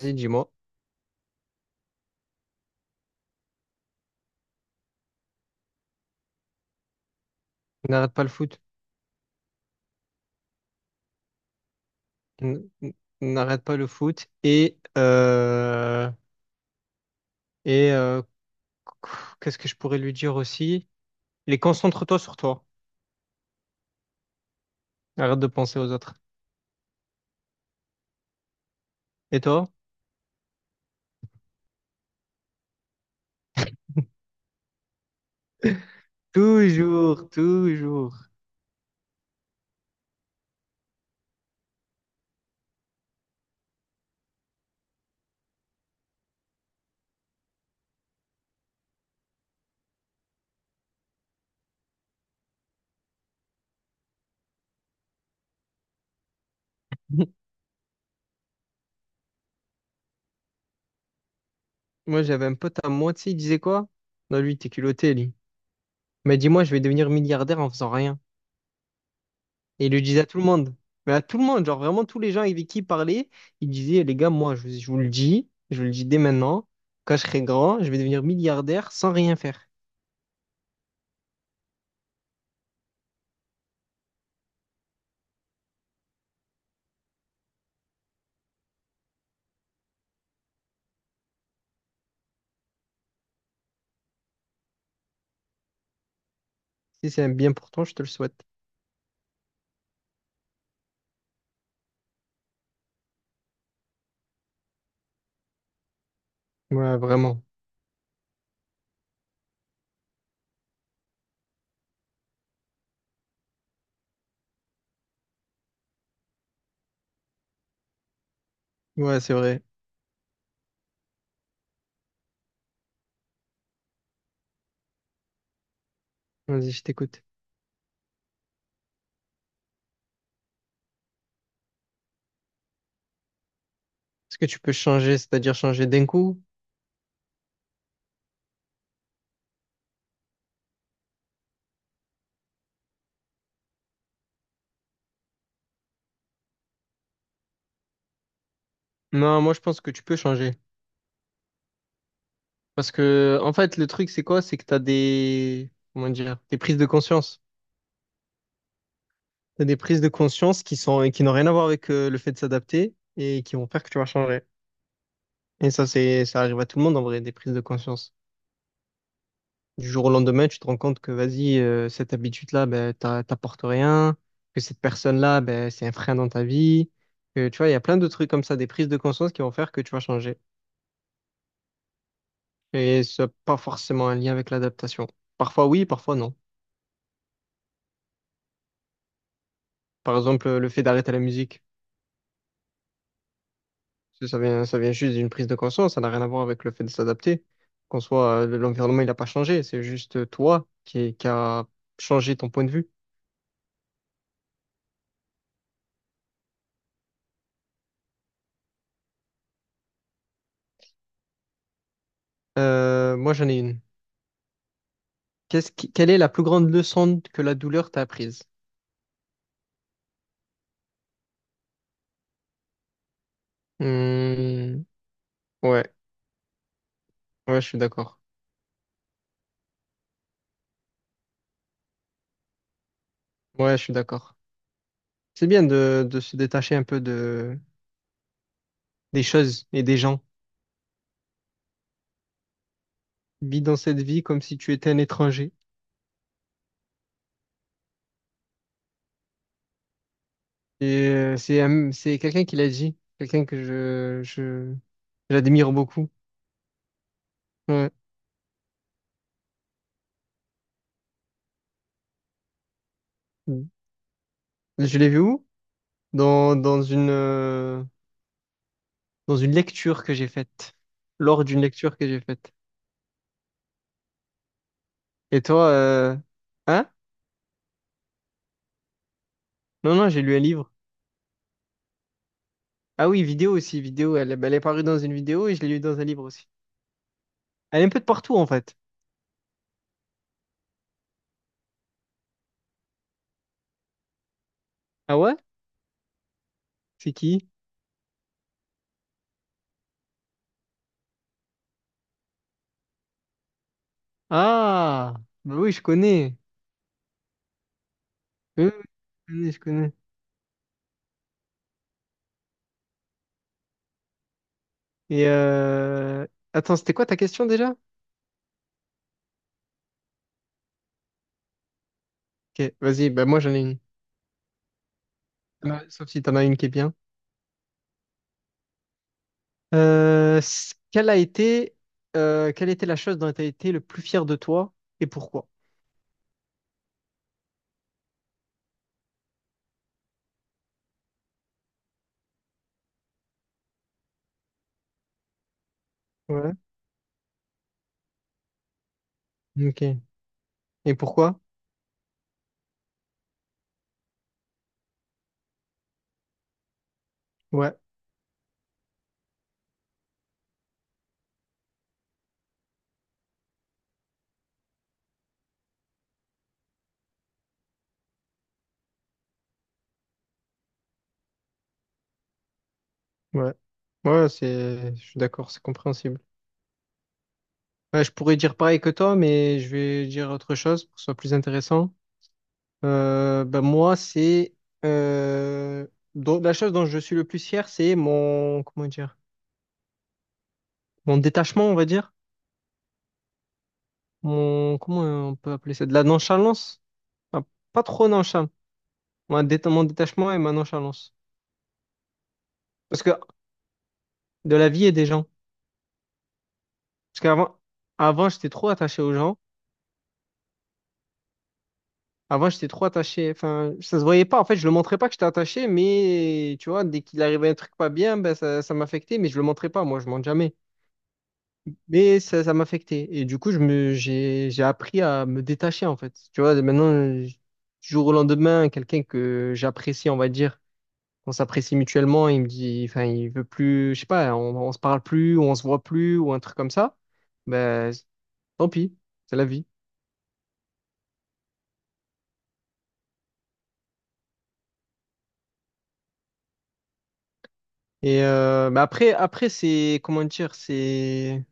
Vas-y, dis-moi, n'arrête pas le foot. N- n- N'arrête pas le foot. Et qu'est-ce que je pourrais lui dire aussi? Les concentre-toi sur toi, arrête de penser aux autres. Et toi? Toujours, toujours. Moi, j'avais un pote à moitié, il disait quoi? Non, lui, t'es culotté, lui. Mais dis-moi, je vais devenir milliardaire en faisant rien. Et il le disait à tout le monde. Mais à tout le monde, genre vraiment tous les gens avec qui il parlait, il disait, les gars, moi, je vous le dis, je vous le dis dès maintenant, quand je serai grand, je vais devenir milliardaire sans rien faire. Si c'est un bien pour toi, je te le souhaite. Ouais, vraiment. Ouais, c'est vrai. Vas-y, je t'écoute. Est-ce que tu peux changer, c'est-à-dire changer d'un coup? Non, moi, je pense que tu peux changer. Parce que, en fait, le truc, c'est quoi? C'est que t'as des, comment dire, des prises de conscience. T'as des prises de conscience qui sont, qui n'ont rien à voir avec le fait de s'adapter et qui vont faire que tu vas changer. Et ça, c'est, ça arrive à tout le monde en vrai, des prises de conscience. Du jour au lendemain, tu te rends compte que vas-y, cette habitude-là, ben, t'apporte rien, que cette personne-là, ben, c'est un frein dans ta vie. Que, tu vois, il y a plein de trucs comme ça, des prises de conscience qui vont faire que tu vas changer. Et ça n'a pas forcément un lien avec l'adaptation. Parfois oui, parfois non. Par exemple, le fait d'arrêter la musique, ça vient juste d'une prise de conscience, ça n'a rien à voir avec le fait de s'adapter. Qu'en soit, l'environnement, il n'a pas changé, c'est juste toi qui a changé ton point de vue. Moi, j'en ai une. Quelle est la plus grande leçon que la douleur t'a apprise? Hmm, ouais, ouais, je suis d'accord. Ouais, je suis d'accord. C'est bien de se détacher un peu de, des choses et des gens. Vis dans cette vie comme si tu étais un étranger. C'est quelqu'un qui l'a dit, quelqu'un que j'admire beaucoup. Ouais. Je l'ai vu où? Dans, dans une, euh, dans une lecture que j'ai faite. Lors d'une lecture que j'ai faite. Et toi, hein? Non, non, j'ai lu un livre. Ah oui, vidéo aussi, vidéo. Elle, ben, elle est parue dans une vidéo et je l'ai lue dans un livre aussi. Elle est un peu de partout en fait. Ah ouais? C'est qui? Ah, bah oui, je connais. Oui, oui, je connais, je connais. Et euh... Attends, c'était quoi ta question déjà? Ok, vas-y, bah moi j'en ai une. Sauf si t'en as une qui est bien. Euh, c- quelle a été, Quelle était la chose dont tu as été le plus fier de toi et pourquoi? Ouais. Ok. Et pourquoi? Ouais, ouais. Ouais, c'est, je suis d'accord, c'est compréhensible. Ouais, je pourrais dire pareil que toi, mais je vais dire autre chose pour que ce soit plus intéressant. Ben moi, c'est euh, dont- la chose dont je suis le plus fier, c'est mon comment dire, mon détachement, on va dire, mon comment on peut appeler ça, de la nonchalance. Enfin, pas trop nonchalant, mon détachement et ma nonchalance, parce que de la vie et des gens. Parce qu'avant, avant, j'étais trop attaché aux gens. Avant, j'étais trop attaché. Enfin, ça se voyait pas. En fait, je le montrais pas que j'étais attaché, mais tu vois, dès qu'il arrivait un truc pas bien, ben, ça m'affectait, mais je le montrais pas. Moi, je montre jamais. Mais ça m'affectait. Et du coup, j'ai appris à me détacher, en fait. Tu vois, maintenant, du jour au lendemain, quelqu'un que j'apprécie, on va dire, on s'apprécie mutuellement, il me dit, enfin, il veut plus, je sais pas, on se parle plus, ou on se voit plus, ou un truc comme ça. Ben, tant pis. C'est la vie. Mais après, après c'est, comment dire, c'est.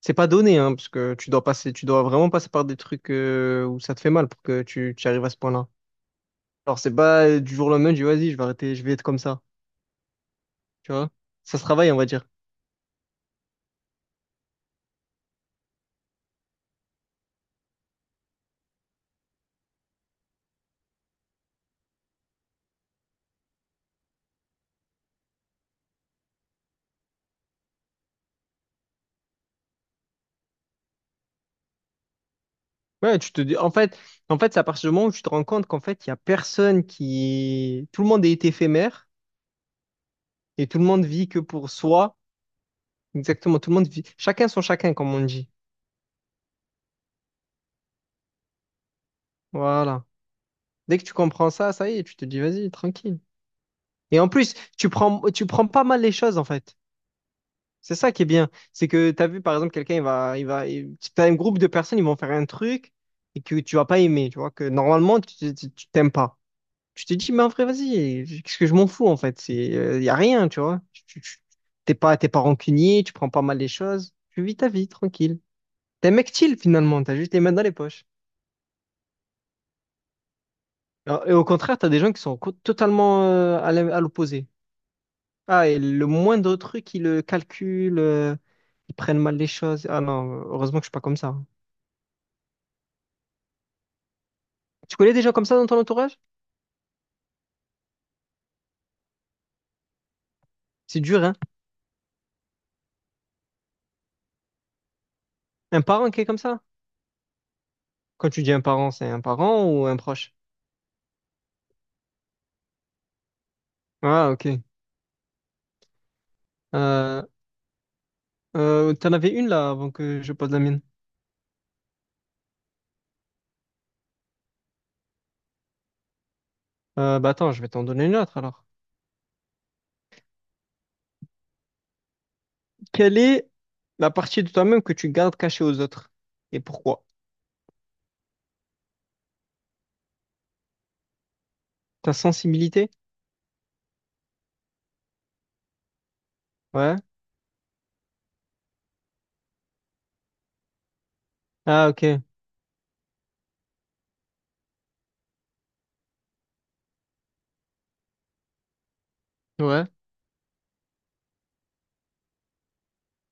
C'est pas donné, hein, parce que tu dois passer, tu dois vraiment passer par des trucs où ça te fait mal pour que tu arrives à ce point-là. Alors c'est pas du jour au lendemain, je dis vas-y, je vais arrêter, je vais être comme ça, tu vois. Ça se travaille, on va dire. Ouais, tu te dis, en fait, c'est à partir du moment où tu te rends compte qu'en fait, il y a personne qui, tout le monde est éphémère et tout le monde vit que pour soi. Exactement, tout le monde vit. Chacun son chacun, comme on dit. Voilà. Dès que tu comprends ça, ça y est, tu te dis vas-y, tranquille. Et en plus, tu prends pas mal les choses en fait. C'est ça qui est bien. C'est que tu as vu, par exemple, quelqu'un, si t'as un groupe de personnes, ils vont faire un truc et que tu vas pas aimer, tu vois, que normalement, t'aimes pas. Tu te dis, mais en vrai, vas-y, qu'est-ce que je m'en fous, en fait? C'est, il y a rien, tu vois. T'es pas, t'es pas rancunier, tu prends pas mal les choses. Tu vis ta vie, tranquille. T'es un mec chill, finalement, t'as juste les mains dans les poches. Alors, et au contraire, t'as des gens qui sont totalement à l'opposé. Ah, et le moindre truc, ils le calculent, ils prennent mal les choses. Ah non, heureusement que je suis pas comme ça, hein. Tu connais des gens comme ça dans ton entourage? C'est dur, hein? Un parent qui est comme ça? Quand tu dis un parent, c'est un parent ou un proche? Ah, ok. Euh, T'en avais une là avant que je pose la mienne. Bah attends, je vais t'en donner une autre alors. Quelle est la partie de toi-même que tu gardes cachée aux autres? Et pourquoi? Ta sensibilité? Ouais. Ah, ok. Ouais.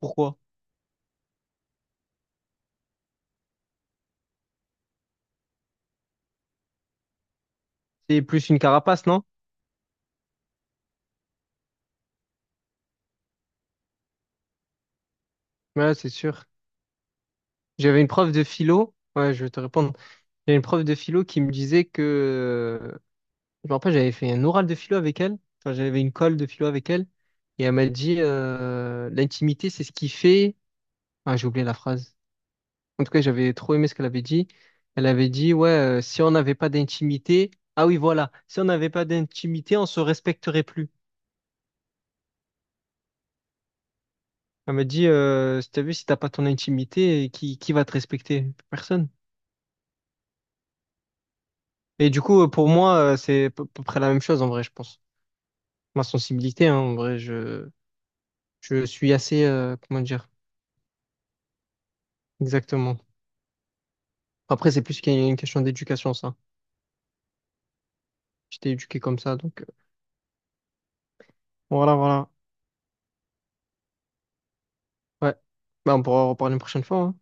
Pourquoi? C'est plus une carapace, non? Ouais, c'est sûr. J'avais une prof de philo. Ouais, je vais te répondre. J'avais une prof de philo qui me disait que je me rappelle, j'avais fait un oral de philo avec elle. Enfin, j'avais une colle de philo avec elle. Et elle m'a dit, l'intimité, c'est ce qui fait. Ah, j'ai oublié la phrase. En tout cas, j'avais trop aimé ce qu'elle avait dit. Elle avait dit, ouais, si on n'avait pas d'intimité. Ah oui, voilà. Si on n'avait pas d'intimité, on se respecterait plus. Elle m'a dit, si t'as vu, si t'as pas ton intimité, qui va te respecter? Personne. Et du coup, pour moi, c'est à peu près la même chose, en vrai, je pense. Ma sensibilité, hein, en vrai, je suis assez, comment dire, exactement. Après, c'est plus qu'il y a une question d'éducation, ça. J'étais éduqué comme ça, donc voilà, voilà. Ouais. Bah, on pourra en reparler une prochaine fois, hein.